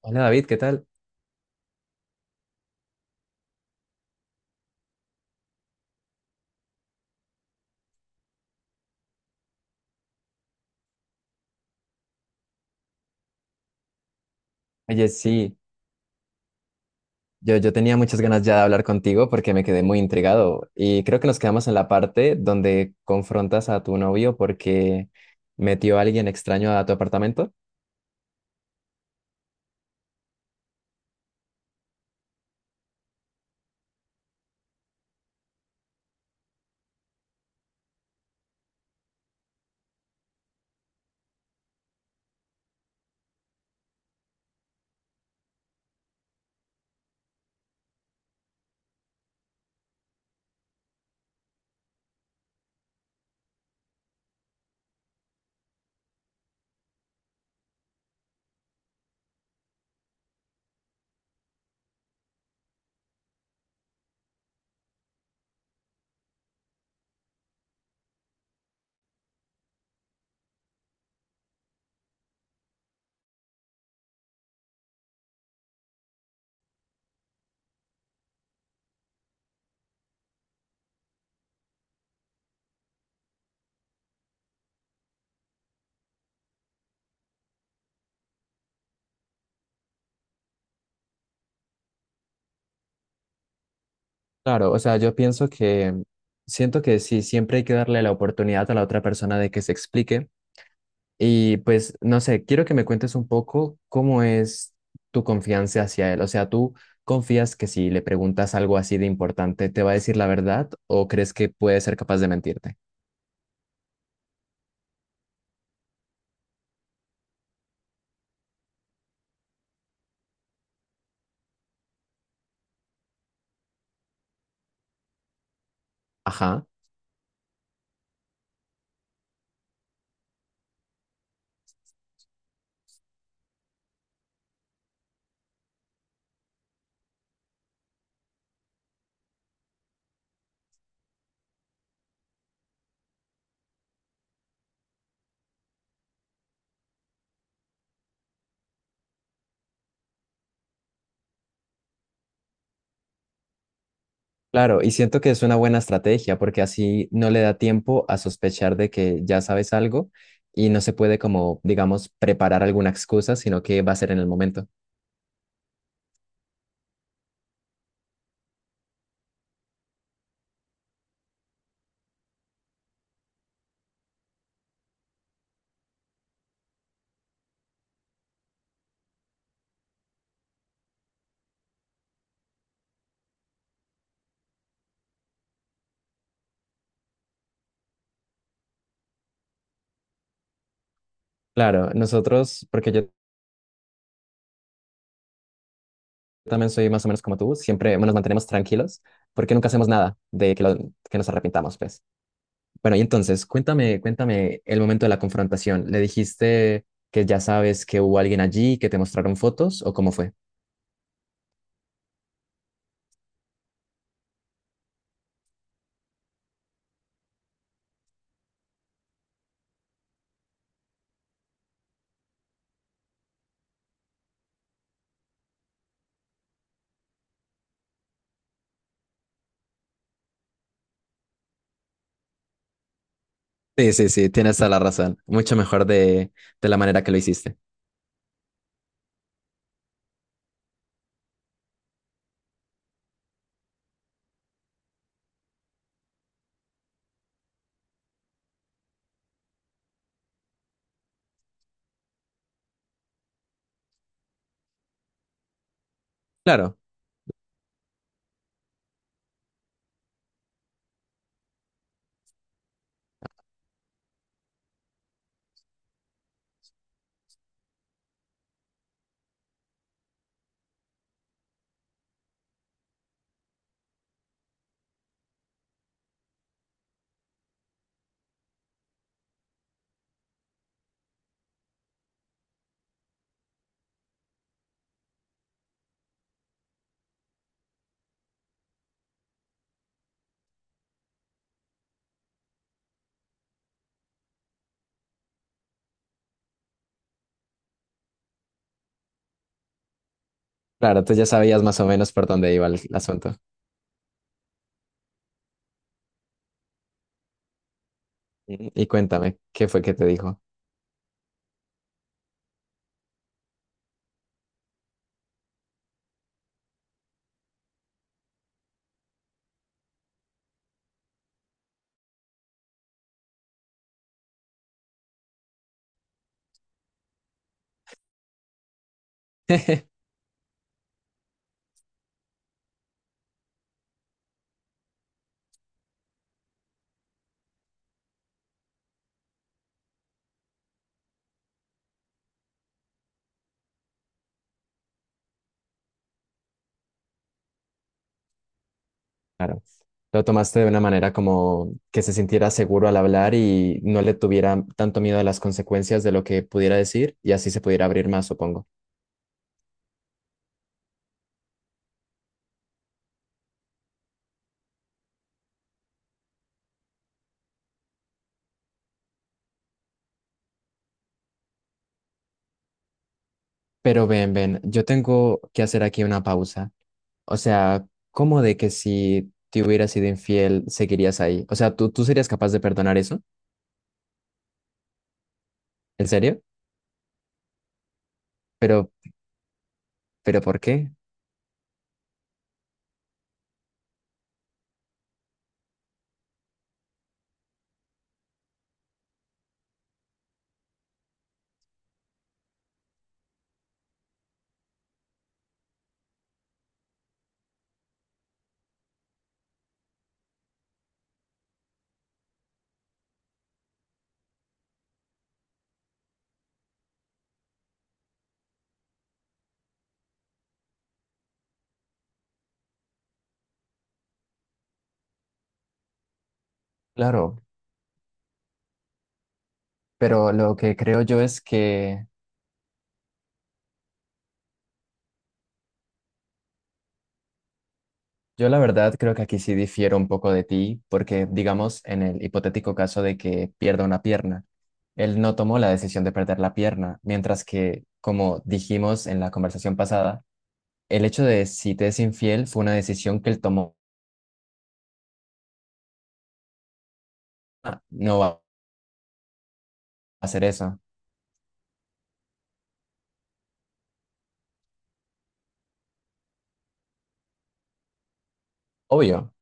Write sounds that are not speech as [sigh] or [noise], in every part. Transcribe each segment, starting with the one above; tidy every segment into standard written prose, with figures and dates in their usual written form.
Hola David, ¿qué tal? Oye, sí, yo tenía muchas ganas ya de hablar contigo porque me quedé muy intrigado y creo que nos quedamos en la parte donde confrontas a tu novio porque metió a alguien extraño a tu apartamento. Claro, o sea, yo pienso que siento que sí, siempre hay que darle la oportunidad a la otra persona de que se explique. Y pues, no sé, quiero que me cuentes un poco cómo es tu confianza hacia él. O sea, ¿tú confías que si le preguntas algo así de importante, te va a decir la verdad o crees que puede ser capaz de mentirte? Ajá. Claro, y siento que es una buena estrategia porque así no le da tiempo a sospechar de que ya sabes algo y no se puede como, digamos, preparar alguna excusa, sino que va a ser en el momento. Claro, nosotros, porque yo también soy más o menos como tú, siempre nos mantenemos tranquilos porque nunca hacemos nada de que, que nos arrepintamos, pues. Bueno, y entonces, cuéntame, cuéntame el momento de la confrontación. ¿Le dijiste que ya sabes que hubo alguien allí, que te mostraron fotos o cómo fue? Sí, sí, sí, tienes toda la razón. Mucho mejor de la manera que lo hiciste. Claro, claro, tú ya sabías más o menos por dónde iba el asunto. Y cuéntame, ¿qué fue que te dijo? [laughs] Claro. Lo tomaste de una manera como que se sintiera seguro al hablar y no le tuviera tanto miedo a las consecuencias de lo que pudiera decir y así se pudiera abrir más, supongo. Pero ven, ven, yo tengo que hacer aquí una pausa. O sea, ¿cómo de que si te hubieras sido infiel seguirías ahí? O sea, ¿tú serías capaz de perdonar eso? ¿En serio? Pero, pero ¿por qué? Claro, pero lo que creo yo es que yo la verdad creo que aquí sí difiero un poco de ti, porque digamos en el hipotético caso de que pierda una pierna, él no tomó la decisión de perder la pierna, mientras que, como dijimos en la conversación pasada, el hecho de si te es infiel fue una decisión que él tomó. Ah, no va a hacer eso. Obvio.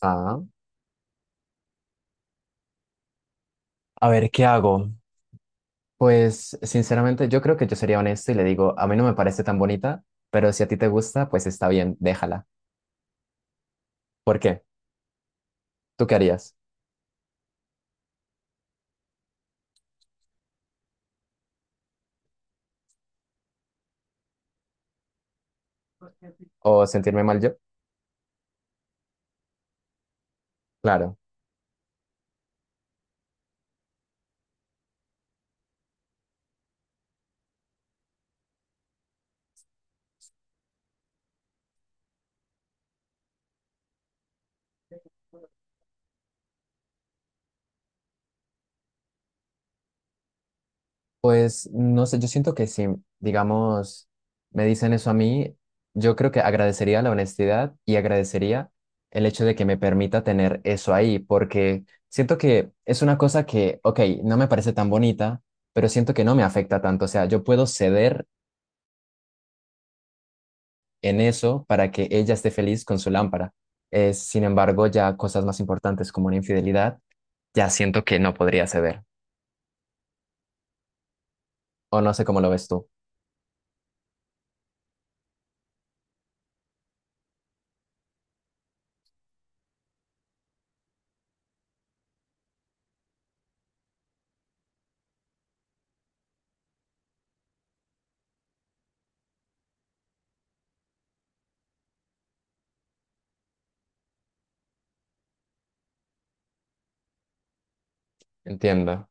Ah, A ver, ¿qué hago? Pues sinceramente yo creo que yo sería honesto y le digo, a mí no me parece tan bonita, pero si a ti te gusta, pues está bien, déjala. ¿Por qué? ¿Tú qué harías? ¿O sentirme mal yo? Claro. Pues no sé, yo siento que si, digamos, me dicen eso a mí, yo creo que agradecería la honestidad y agradecería el hecho de que me permita tener eso ahí, porque siento que es una cosa que, ok, no me parece tan bonita, pero siento que no me afecta tanto. O sea, yo puedo ceder en eso para que ella esté feliz con su lámpara. Sin embargo, ya cosas más importantes como una infidelidad, ya siento que no podría ceder. O no sé cómo lo ves tú. Entiendo.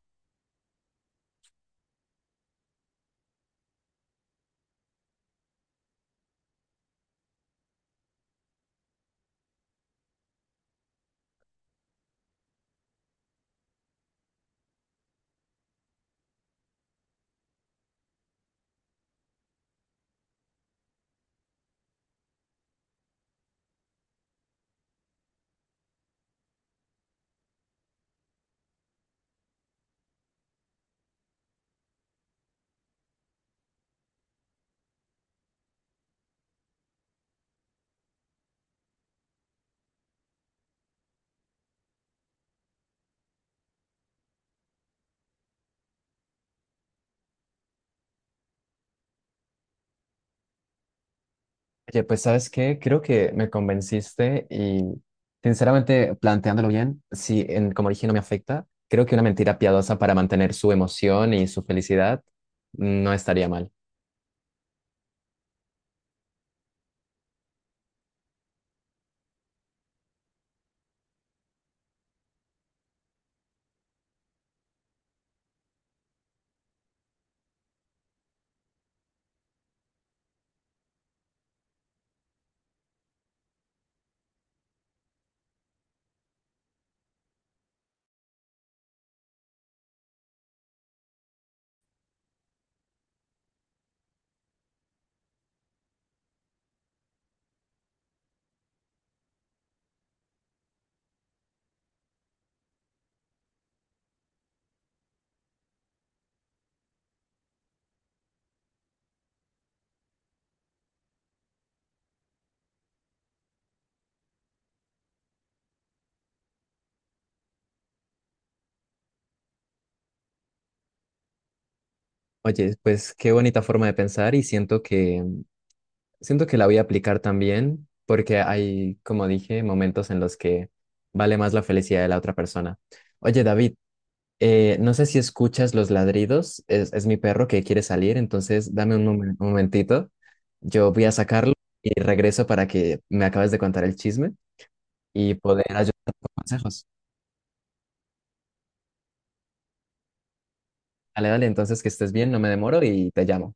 Oye, pues ¿sabes qué? Creo que me convenciste y sinceramente, planteándolo bien, si en, como dije no me afecta, creo que una mentira piadosa para mantener su emoción y su felicidad no estaría mal. Oye, pues qué bonita forma de pensar y siento que la voy a aplicar también porque hay, como dije, momentos en los que vale más la felicidad de la otra persona. Oye, David, no sé si escuchas los ladridos, es mi perro que quiere salir, entonces dame un un momentito, yo voy a sacarlo y regreso para que me acabes de contar el chisme y poder ayudar con consejos. Dale, dale, entonces que estés bien, no me demoro y te llamo.